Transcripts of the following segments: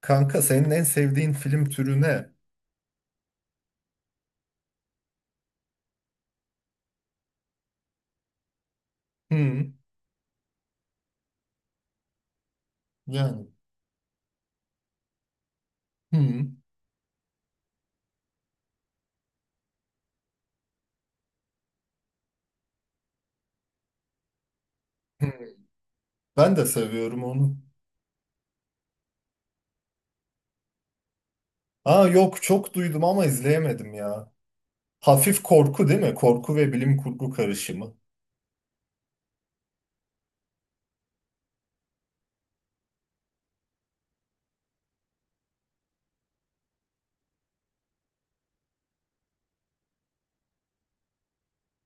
Kanka senin en sevdiğin film türü ne? Hmm, yani. Hmm, hmm. Ben de seviyorum onu. Aa, yok, çok duydum ama izleyemedim ya. Hafif korku değil mi? Korku ve bilim kurgu karışımı.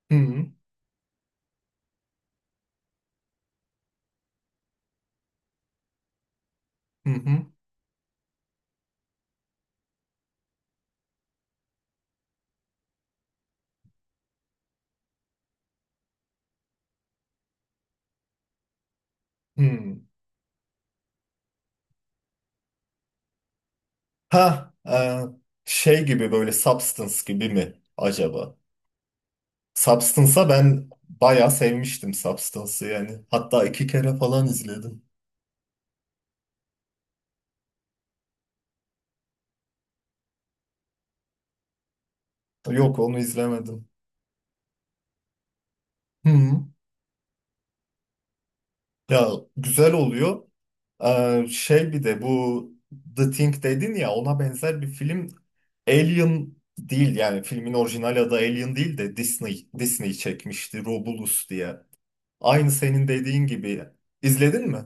Hmm, hı hı, hmm. Ha, şey gibi böyle Substance gibi mi acaba? Substance'a ben bayağı sevmiştim, Substance'ı yani. Hatta iki kere falan izledim. Yok, onu izlemedim. Hı. Ya, güzel oluyor. Şey, bir de bu The Thing dedin ya, ona benzer bir film, Alien değil yani filmin orijinal adı, Alien değil de Disney çekmişti Romulus diye. Aynı senin dediğin gibi. İzledin mi?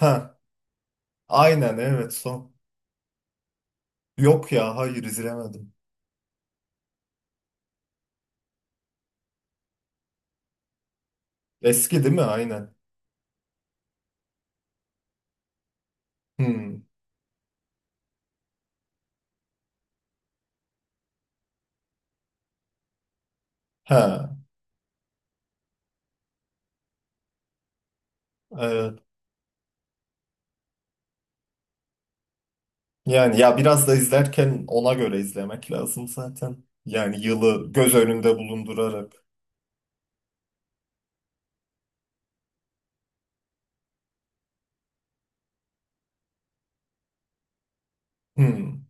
Ha, aynen, evet, son. Yok ya, hayır, izlemedim. Eski değil mi? Aynen. Hmm. Ha, evet. Yani ya biraz da izlerken ona göre izlemek lazım zaten. Yani yılı göz önünde bulundurarak. Hmm.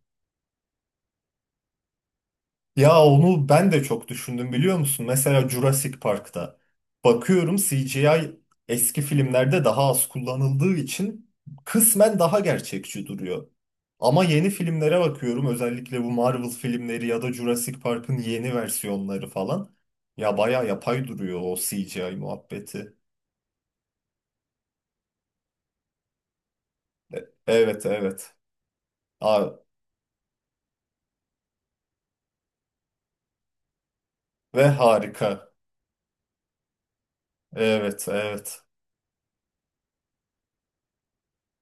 Ya onu ben de çok düşündüm, biliyor musun? Mesela Jurassic Park'ta bakıyorum, CGI eski filmlerde daha az kullanıldığı için kısmen daha gerçekçi duruyor. Ama yeni filmlere bakıyorum, özellikle bu Marvel filmleri ya da Jurassic Park'ın yeni versiyonları falan. Ya bayağı yapay duruyor o CGI muhabbeti. Evet, evet. Aa, ve harika. Evet, evet.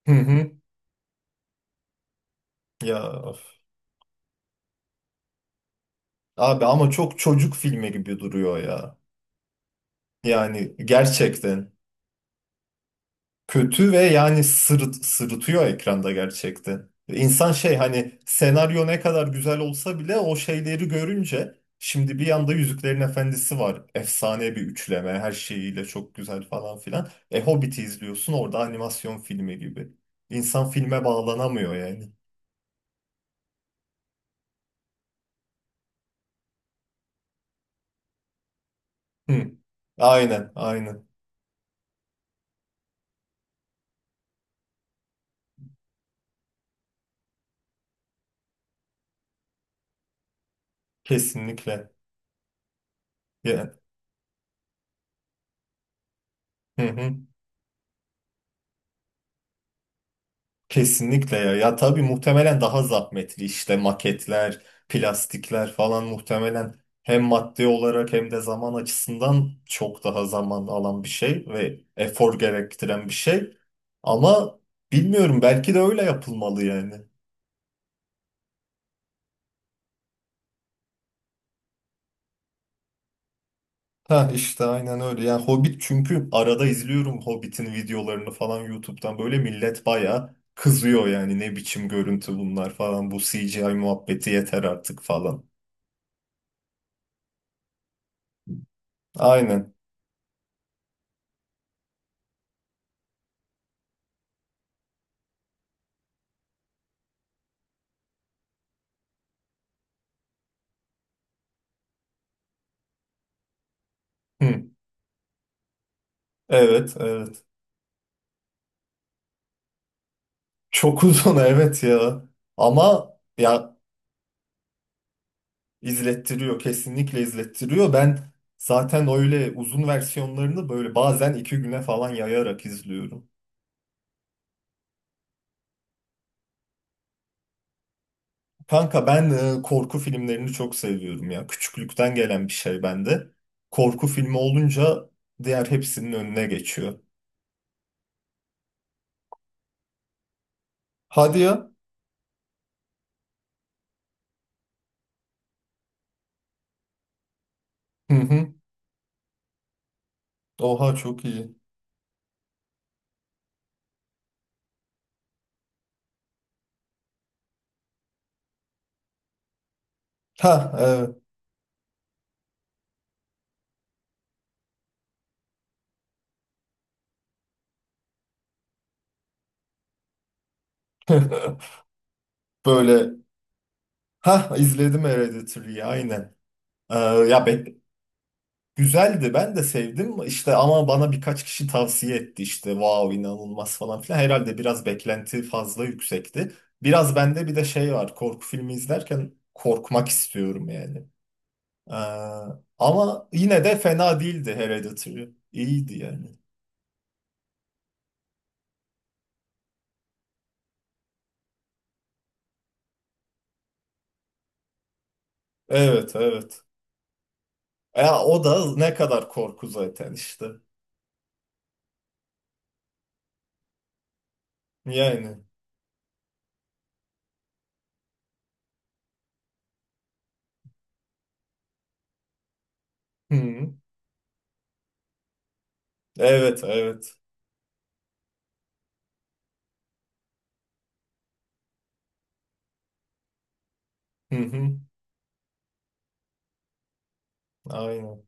Hı hı. Ya of. Abi ama çok çocuk filmi gibi duruyor ya. Yani gerçekten kötü ve yani sırıtıyor ekranda gerçekten. İnsan şey, hani senaryo ne kadar güzel olsa bile o şeyleri görünce, şimdi bir yanda Yüzüklerin Efendisi var. Efsane bir üçleme, her şeyiyle çok güzel falan filan. E Hobbit'i izliyorsun, orada animasyon filmi gibi. İnsan filme bağlanamıyor yani. Hı. Aynen aynen, kesinlikle. Ya- hı hı. Kesinlikle ya. Ya tabii muhtemelen daha zahmetli, işte maketler, plastikler falan, muhtemelen hem maddi olarak hem de zaman açısından çok daha zaman alan bir şey ve efor gerektiren bir şey. Ama bilmiyorum, belki de öyle yapılmalı yani. Ha işte aynen öyle. Yani Hobbit, çünkü arada izliyorum Hobbit'in videolarını falan YouTube'dan, böyle millet bayağı kızıyor yani, ne biçim görüntü bunlar falan, bu CGI muhabbeti yeter artık falan. Aynen. Hı. Evet, evet. Çok uzun evet ya. Ama ya izlettiriyor, kesinlikle izlettiriyor. Ben zaten öyle uzun versiyonlarını böyle bazen iki güne falan yayarak izliyorum. Kanka ben korku filmlerini çok seviyorum ya. Küçüklükten gelen bir şey bende. Korku filmi olunca diğer hepsinin önüne geçiyor. Hadi ya. Hı hı. Oha, çok iyi. Ha, evet. Böyle ha, izledim Hereditary'yi, aynen. Ee, ya güzeldi, ben de sevdim işte, ama bana birkaç kişi tavsiye etti, işte wow, inanılmaz falan filan, herhalde biraz beklenti fazla yüksekti. Biraz bende bir de şey var, korku filmi izlerken korkmak istiyorum yani. Ee, ama yine de fena değildi Hereditary. İyiydi yani. Evet, evet. Ya o da ne kadar korku zaten işte. Yani. Hı. Evet, evet. Hı hı. Aynen.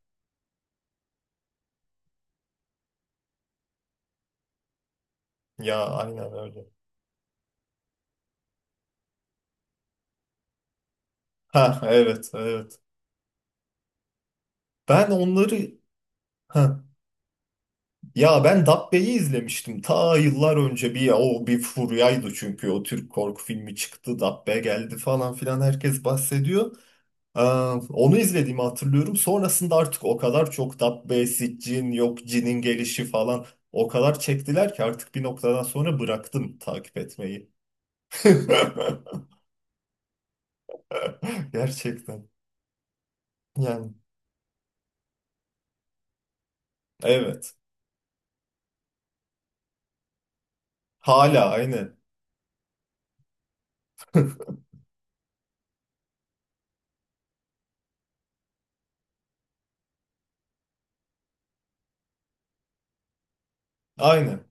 Ya aynen öyle. Ha, evet, evet. Ben onları ya ben Dabbe'yi izlemiştim ta yıllar önce, bir o bir furyaydı çünkü, o Türk korku filmi çıktı, Dabbe geldi falan filan, herkes bahsediyor. Ee, onu izlediğimi hatırlıyorum. Sonrasında artık o kadar çok Dabbe, Siccin, yok Cin'in gelişi falan, o kadar çektiler ki artık bir noktadan sonra bıraktım takip etmeyi. Gerçekten. Yani evet. Hala, aynen. Aynen.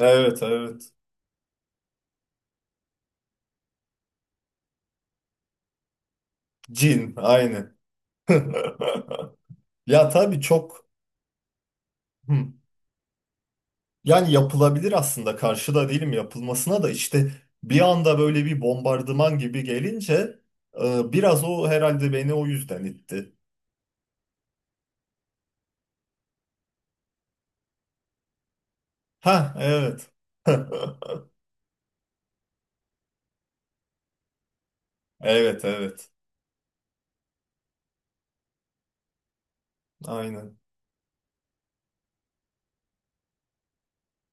Evet, evet. Cin, aynen. Ya tabii, çok. Hı. Yani yapılabilir aslında, karşıda değilim yapılmasına da, işte bir anda böyle bir bombardıman gibi gelince biraz o herhalde beni o yüzden itti. Ha, evet. Evet, evet. Aynen.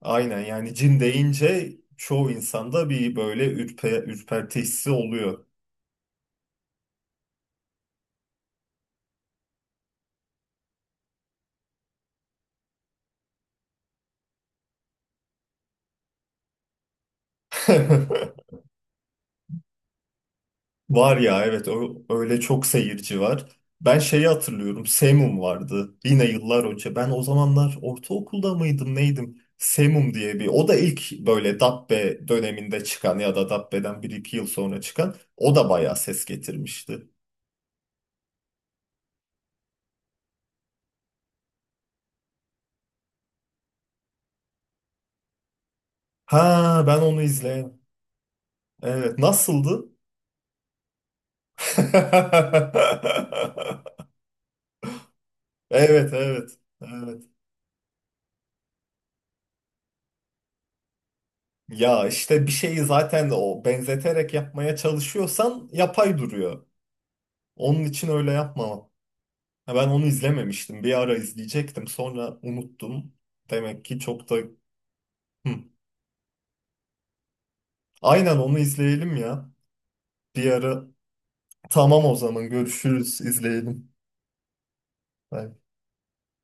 Aynen, yani cin deyince çoğu insanda bir böyle ürperti hissi oluyor. Var ya, evet, o öyle, çok seyirci var. Ben şeyi hatırlıyorum. Semum vardı. Yine yıllar önce. Ben o zamanlar ortaokulda mıydım neydim? Semum diye bir. O da ilk böyle Dabbe döneminde çıkan ya da Dabbe'den bir iki yıl sonra çıkan. O da bayağı ses getirmişti. Ha, ben onu izleyen. Evet, nasıldı? Evet, evet. Evet. Ya işte bir şeyi zaten o benzeterek yapmaya çalışıyorsan yapay duruyor. Onun için öyle yapma. Ha, ben onu izlememiştim. Bir ara izleyecektim. Sonra unuttum. Demek ki çok da... Hı. Aynen, onu izleyelim ya. Bir ara. Tamam, o zaman görüşürüz. İzleyelim. Bye.